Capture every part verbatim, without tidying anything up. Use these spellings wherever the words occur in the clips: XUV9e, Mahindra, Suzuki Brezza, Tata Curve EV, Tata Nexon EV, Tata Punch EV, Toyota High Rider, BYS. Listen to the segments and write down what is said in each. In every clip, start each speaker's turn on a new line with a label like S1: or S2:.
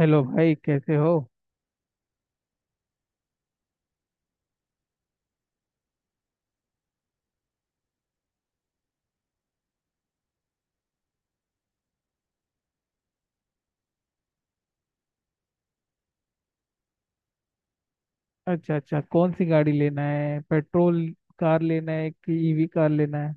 S1: Hello भाई, कैसे हो। अच्छा अच्छा, कौन सी गाड़ी लेना है? पेट्रोल कार लेना है कि ईवी कार लेना है?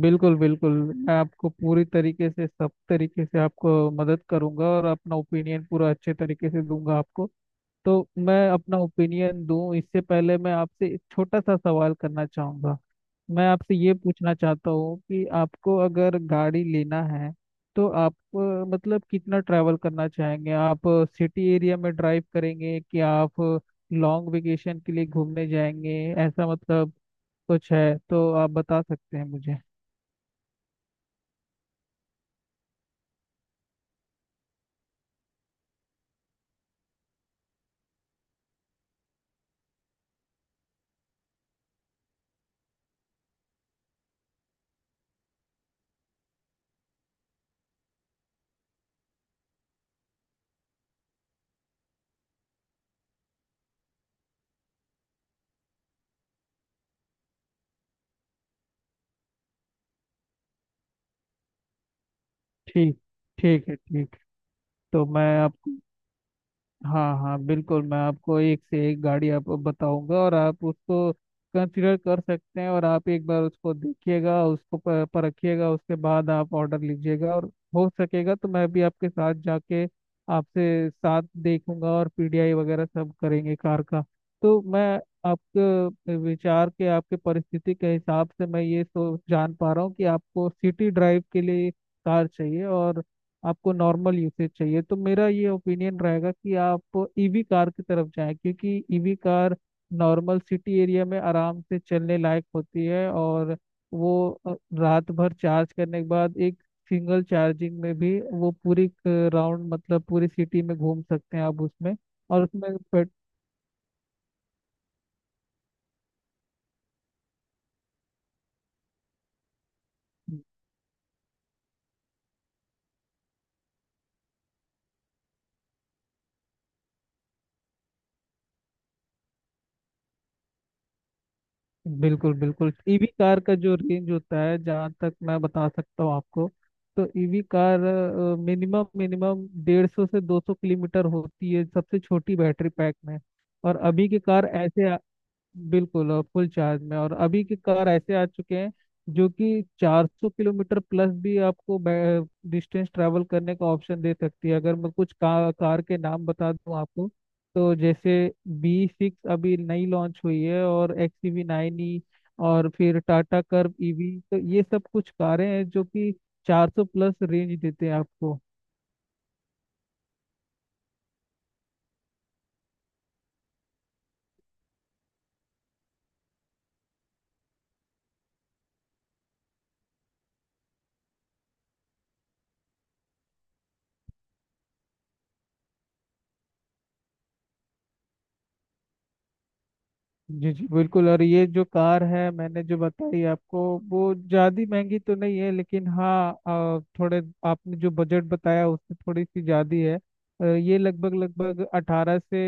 S1: बिल्कुल बिल्कुल, मैं आपको पूरी तरीके से, सब तरीके से आपको मदद करूंगा, और अपना ओपिनियन पूरा अच्छे तरीके से दूंगा आपको। तो मैं अपना ओपिनियन दूं इससे पहले मैं आपसे एक छोटा सा सवाल करना चाहूंगा। मैं आपसे ये पूछना चाहता हूँ कि आपको अगर गाड़ी लेना है तो आप अ, मतलब कितना ट्रैवल करना चाहेंगे आप? सिटी एरिया में ड्राइव करेंगे कि आप लॉन्ग वेकेशन के लिए घूमने जाएंगे? ऐसा मतलब कुछ है तो आप बता सकते हैं मुझे। ठीक, ठीक है, ठीक। तो मैं आपको, हाँ हाँ बिल्कुल, मैं आपको एक से एक गाड़ी आपको बताऊंगा, और आप उसको कंसिडर कर सकते हैं, और आप एक बार उसको देखिएगा, उसको प- परखिएगा, उसके बाद आप ऑर्डर लीजिएगा। और हो सकेगा तो मैं भी आपके साथ जाके आपसे साथ देखूंगा, और पीडीआई वगैरह सब करेंगे कार का। तो मैं आपके विचार के, आपके परिस्थिति के हिसाब से मैं ये सोच जान पा रहा हूँ कि आपको सिटी ड्राइव के लिए कार चाहिए, और आपको नॉर्मल यूसेज चाहिए। तो मेरा ये ओपिनियन रहेगा कि आप ईवी कार की तरफ जाएं, क्योंकि EV car normal city area में आराम से चलने लायक होती है। और वो अ, रात भर चार्ज करने के बाद एक सिंगल चार्जिंग में भी वो पूरी राउंड, मतलब पूरी सिटी में घूम सकते हैं आप उसमें। और उसमें पेट, बिल्कुल बिल्कुल, ईवी कार का जो रेंज होता है जहाँ तक मैं बता सकता हूँ आपको, तो ईवी कार मिनिमम मिनिमम डेढ़ सौ से दो सौ किलोमीटर होती है सबसे छोटी बैटरी पैक में। और अभी की कार ऐसे, बिल्कुल, और फुल चार्ज में, और अभी के कार ऐसे आ चुके हैं जो कि चार सौ किलोमीटर प्लस भी आपको डिस्टेंस ट्रैवल करने का ऑप्शन दे सकती है। अगर मैं कुछ का, कार के नाम बता दूं आपको, तो जैसे बी सिक्स अभी नई लॉन्च हुई है, और एक्स वी नाइन ई, और फिर टाटा कर्व ईवी, तो ये सब कुछ कारें हैं जो कि चार सौ प्लस रेंज देते हैं आपको। जी जी बिल्कुल, और ये जो कार है मैंने जो बताई आपको, वो ज़्यादा महंगी तो नहीं है, लेकिन हाँ, अ, थोड़े, आपने जो बजट बताया उससे थोड़ी सी ज़्यादा है। अ, ये लगभग लगभग अठारह से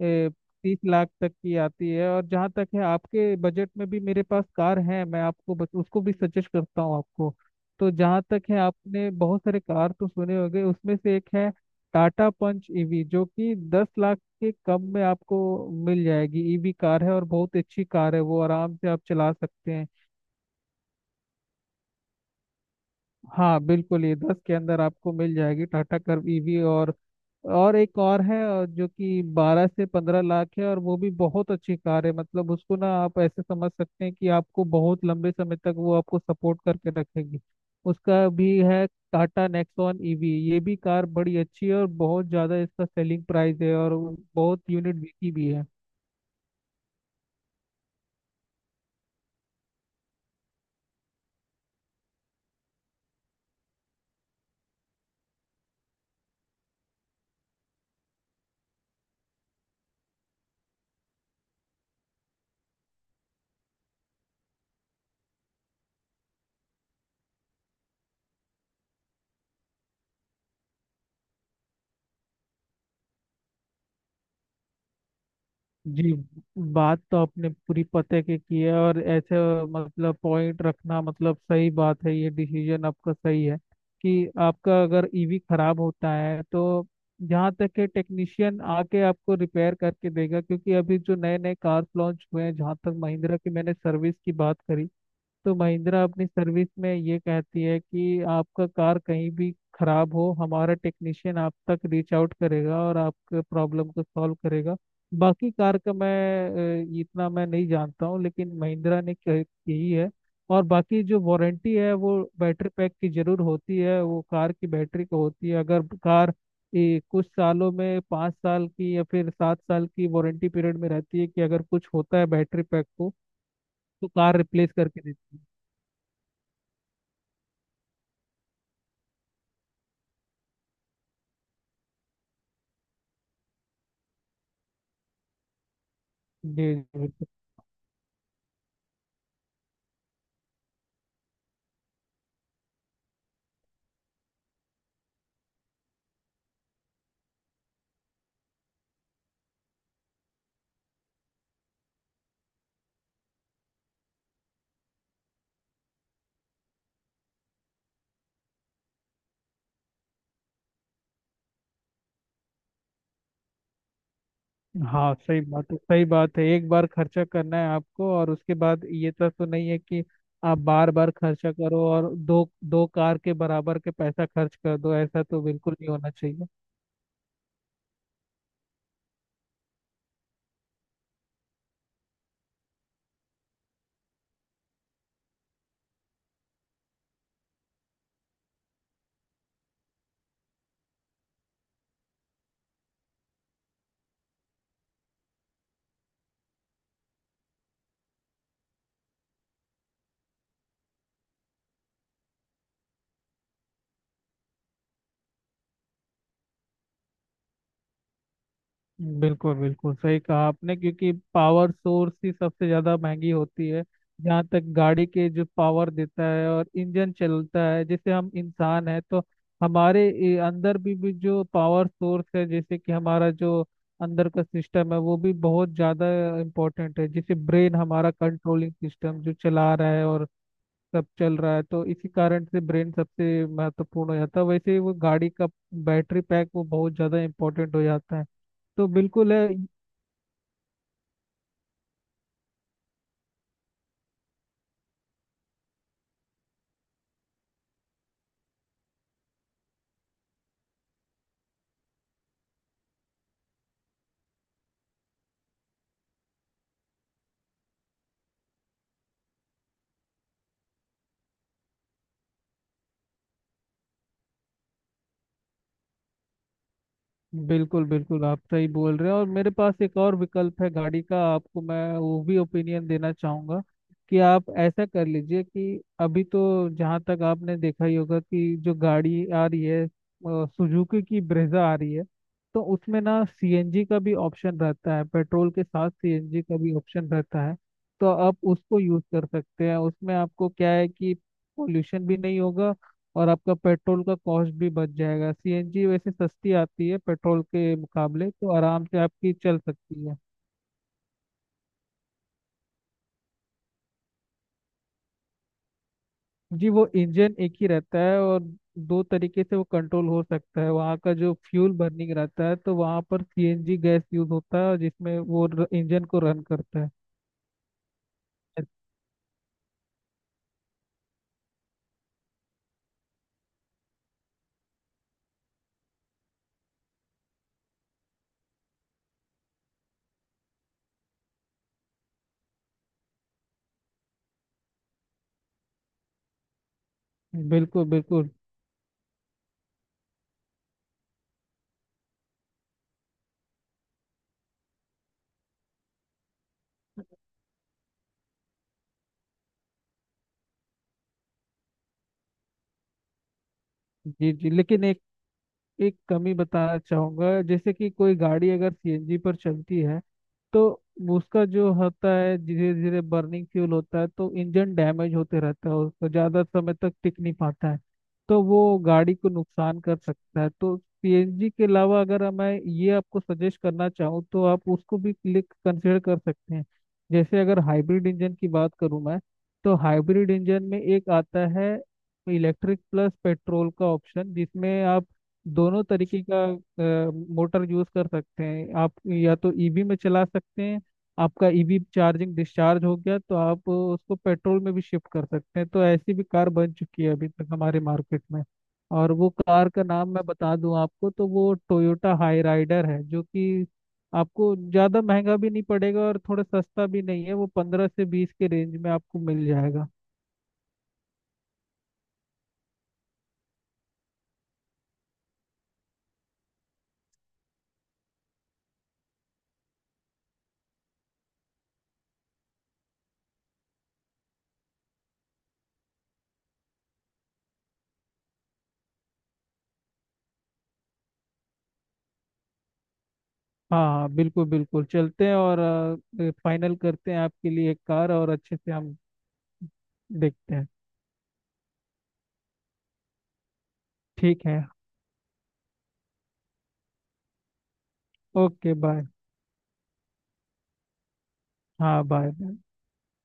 S1: ए, तीस लाख तक की आती है। और जहाँ तक है आपके बजट में भी मेरे पास कार है, मैं आपको बस उसको भी सजेस्ट करता हूँ आपको। तो जहाँ तक है आपने बहुत सारे कार तो सुने होंगे, उसमें से एक है टाटा पंच ईवी, जो कि दस लाख के कम में आपको मिल जाएगी। ईवी कार है और बहुत अच्छी कार है, वो आराम से आप चला सकते हैं। हाँ बिल्कुल, ये दस के अंदर आपको मिल जाएगी टाटा कर्व ईवी। और और एक और है, और जो कि बारह से पंद्रह लाख है, और वो भी बहुत अच्छी कार है। मतलब उसको ना आप ऐसे समझ सकते हैं कि आपको बहुत लंबे समय तक वो आपको सपोर्ट करके रखेगी। उसका भी है टाटा नेक्सॉन ईवी, ये भी कार बड़ी अच्छी है, और बहुत ज़्यादा इसका सेलिंग प्राइस है, और वो बहुत यूनिट बिकी भी है। जी, बात तो आपने पूरी पते की की है, और ऐसे मतलब पॉइंट रखना, मतलब सही बात है, ये डिसीजन आपका सही है कि आपका अगर ईवी खराब होता है तो जहाँ तक है टेक्नीशियन आके आपको रिपेयर करके देगा। क्योंकि अभी जो नए नए कार्स लॉन्च हुए हैं, जहाँ तक महिंद्रा की मैंने सर्विस की बात करी, तो महिंद्रा अपनी सर्विस में ये कहती है कि आपका कार कहीं भी खराब हो, हमारा टेक्नीशियन आप तक रीच आउट करेगा और आपके प्रॉब्लम को सॉल्व करेगा। बाकी कार का मैं अ, इतना मैं नहीं जानता हूँ, लेकिन महिंद्रा ने कह- कही है। और बाकी जो वारंटी है वो बैटरी पैक की जरूर होती है, वो कार की बैटरी को होती है। अगर कार, ये कुछ सालों में पाँच साल की या फिर सात साल की वारंटी पीरियड में रहती है, कि अगर कुछ होता है बैटरी पैक को तो कार रिप्लेस करके देती है। जी जी, बिल्कुल। हाँ सही बात है, सही बात है, एक बार खर्चा करना है आपको, और उसके बाद ये तो तो नहीं है कि आप बार बार खर्चा करो और दो दो कार के बराबर के पैसा खर्च कर दो, ऐसा तो बिल्कुल नहीं होना चाहिए। बिल्कुल बिल्कुल, सही कहा आपने, क्योंकि पावर सोर्स ही सबसे ज़्यादा महंगी होती है। जहाँ तक गाड़ी के जो पावर देता है और इंजन चलता है, जैसे हम इंसान है तो हमारे ए, अंदर भी, भी जो पावर सोर्स है, जैसे कि हमारा जो अंदर का सिस्टम है वो भी बहुत ज़्यादा इम्पोर्टेंट है। जैसे ब्रेन हमारा कंट्रोलिंग सिस्टम जो चला रहा है और सब चल रहा है, तो इसी कारण से ब्रेन सबसे महत्वपूर्ण हो जाता है। वैसे ही वो गाड़ी का बैटरी पैक वो बहुत ज़्यादा इम्पोर्टेंट हो जाता है, तो बिल्कुल है। बिल्कुल बिल्कुल, आप सही बोल रहे हैं। और मेरे पास एक और विकल्प है गाड़ी का आपको, मैं वो भी ओपिनियन देना चाहूँगा कि आप ऐसा कर लीजिए कि अभी तो जहाँ तक आपने देखा ही होगा कि जो गाड़ी आ रही है, सुजुकी की ब्रेजा आ रही है, तो उसमें ना सीएनजी का भी ऑप्शन रहता है, पेट्रोल के साथ सीएनजी का भी ऑप्शन रहता है। तो आप उसको यूज़ कर सकते हैं, उसमें आपको क्या है कि पोल्यूशन भी नहीं होगा, और आपका पेट्रोल का कॉस्ट भी बच जाएगा। सीएनजी वैसे सस्ती आती है पेट्रोल के मुकाबले, तो आराम से आपकी चल सकती है। जी, वो इंजन एक ही रहता है, और दो तरीके से वो कंट्रोल हो सकता है। वहाँ का जो फ्यूल बर्निंग रहता है, तो वहाँ पर सीएनजी गैस यूज होता है जिसमें वो इंजन को रन करता है। बिल्कुल बिल्कुल। जी जी, लेकिन एक कमी बताना चाहूंगा, जैसे कि कोई गाड़ी अगर सीएनजी पर चलती है, तो उसका जो होता है धीरे धीरे बर्निंग फ्यूल होता है, तो इंजन डैमेज होते रहता है, उसको ज़्यादा समय तक टिक नहीं पाता है, तो वो गाड़ी को नुकसान कर सकता है। तो सीएनजी के अलावा अगर मैं ये आपको सजेस्ट करना चाहूँ, तो आप उसको भी क्लिक कंसिडर कर सकते हैं। जैसे अगर हाइब्रिड इंजन की बात करूँ मैं, तो हाइब्रिड इंजन में एक आता है इलेक्ट्रिक प्लस पेट्रोल का ऑप्शन, जिसमें आप दोनों तरीके का अ, मोटर यूज कर सकते हैं। आप या तो ईवी में चला सकते हैं, आपका ईवी चार्जिंग डिस्चार्ज हो गया तो आप उसको पेट्रोल में भी शिफ्ट कर सकते हैं। तो ऐसी भी कार बन चुकी है अभी तक हमारे मार्केट में, और वो कार का नाम मैं बता दूं आपको, तो वो टोयोटा हाई राइडर है, जो कि आपको ज़्यादा महंगा भी नहीं पड़ेगा, और थोड़ा सस्ता भी नहीं है, वो पंद्रह से बीस के रेंज में आपको मिल जाएगा। हाँ हाँ बिल्कुल बिल्कुल, चलते हैं, और फाइनल करते हैं आपके लिए एक कार, और अच्छे से हम देखते हैं। ठीक है, ओके, बाय। हाँ बाय बाय।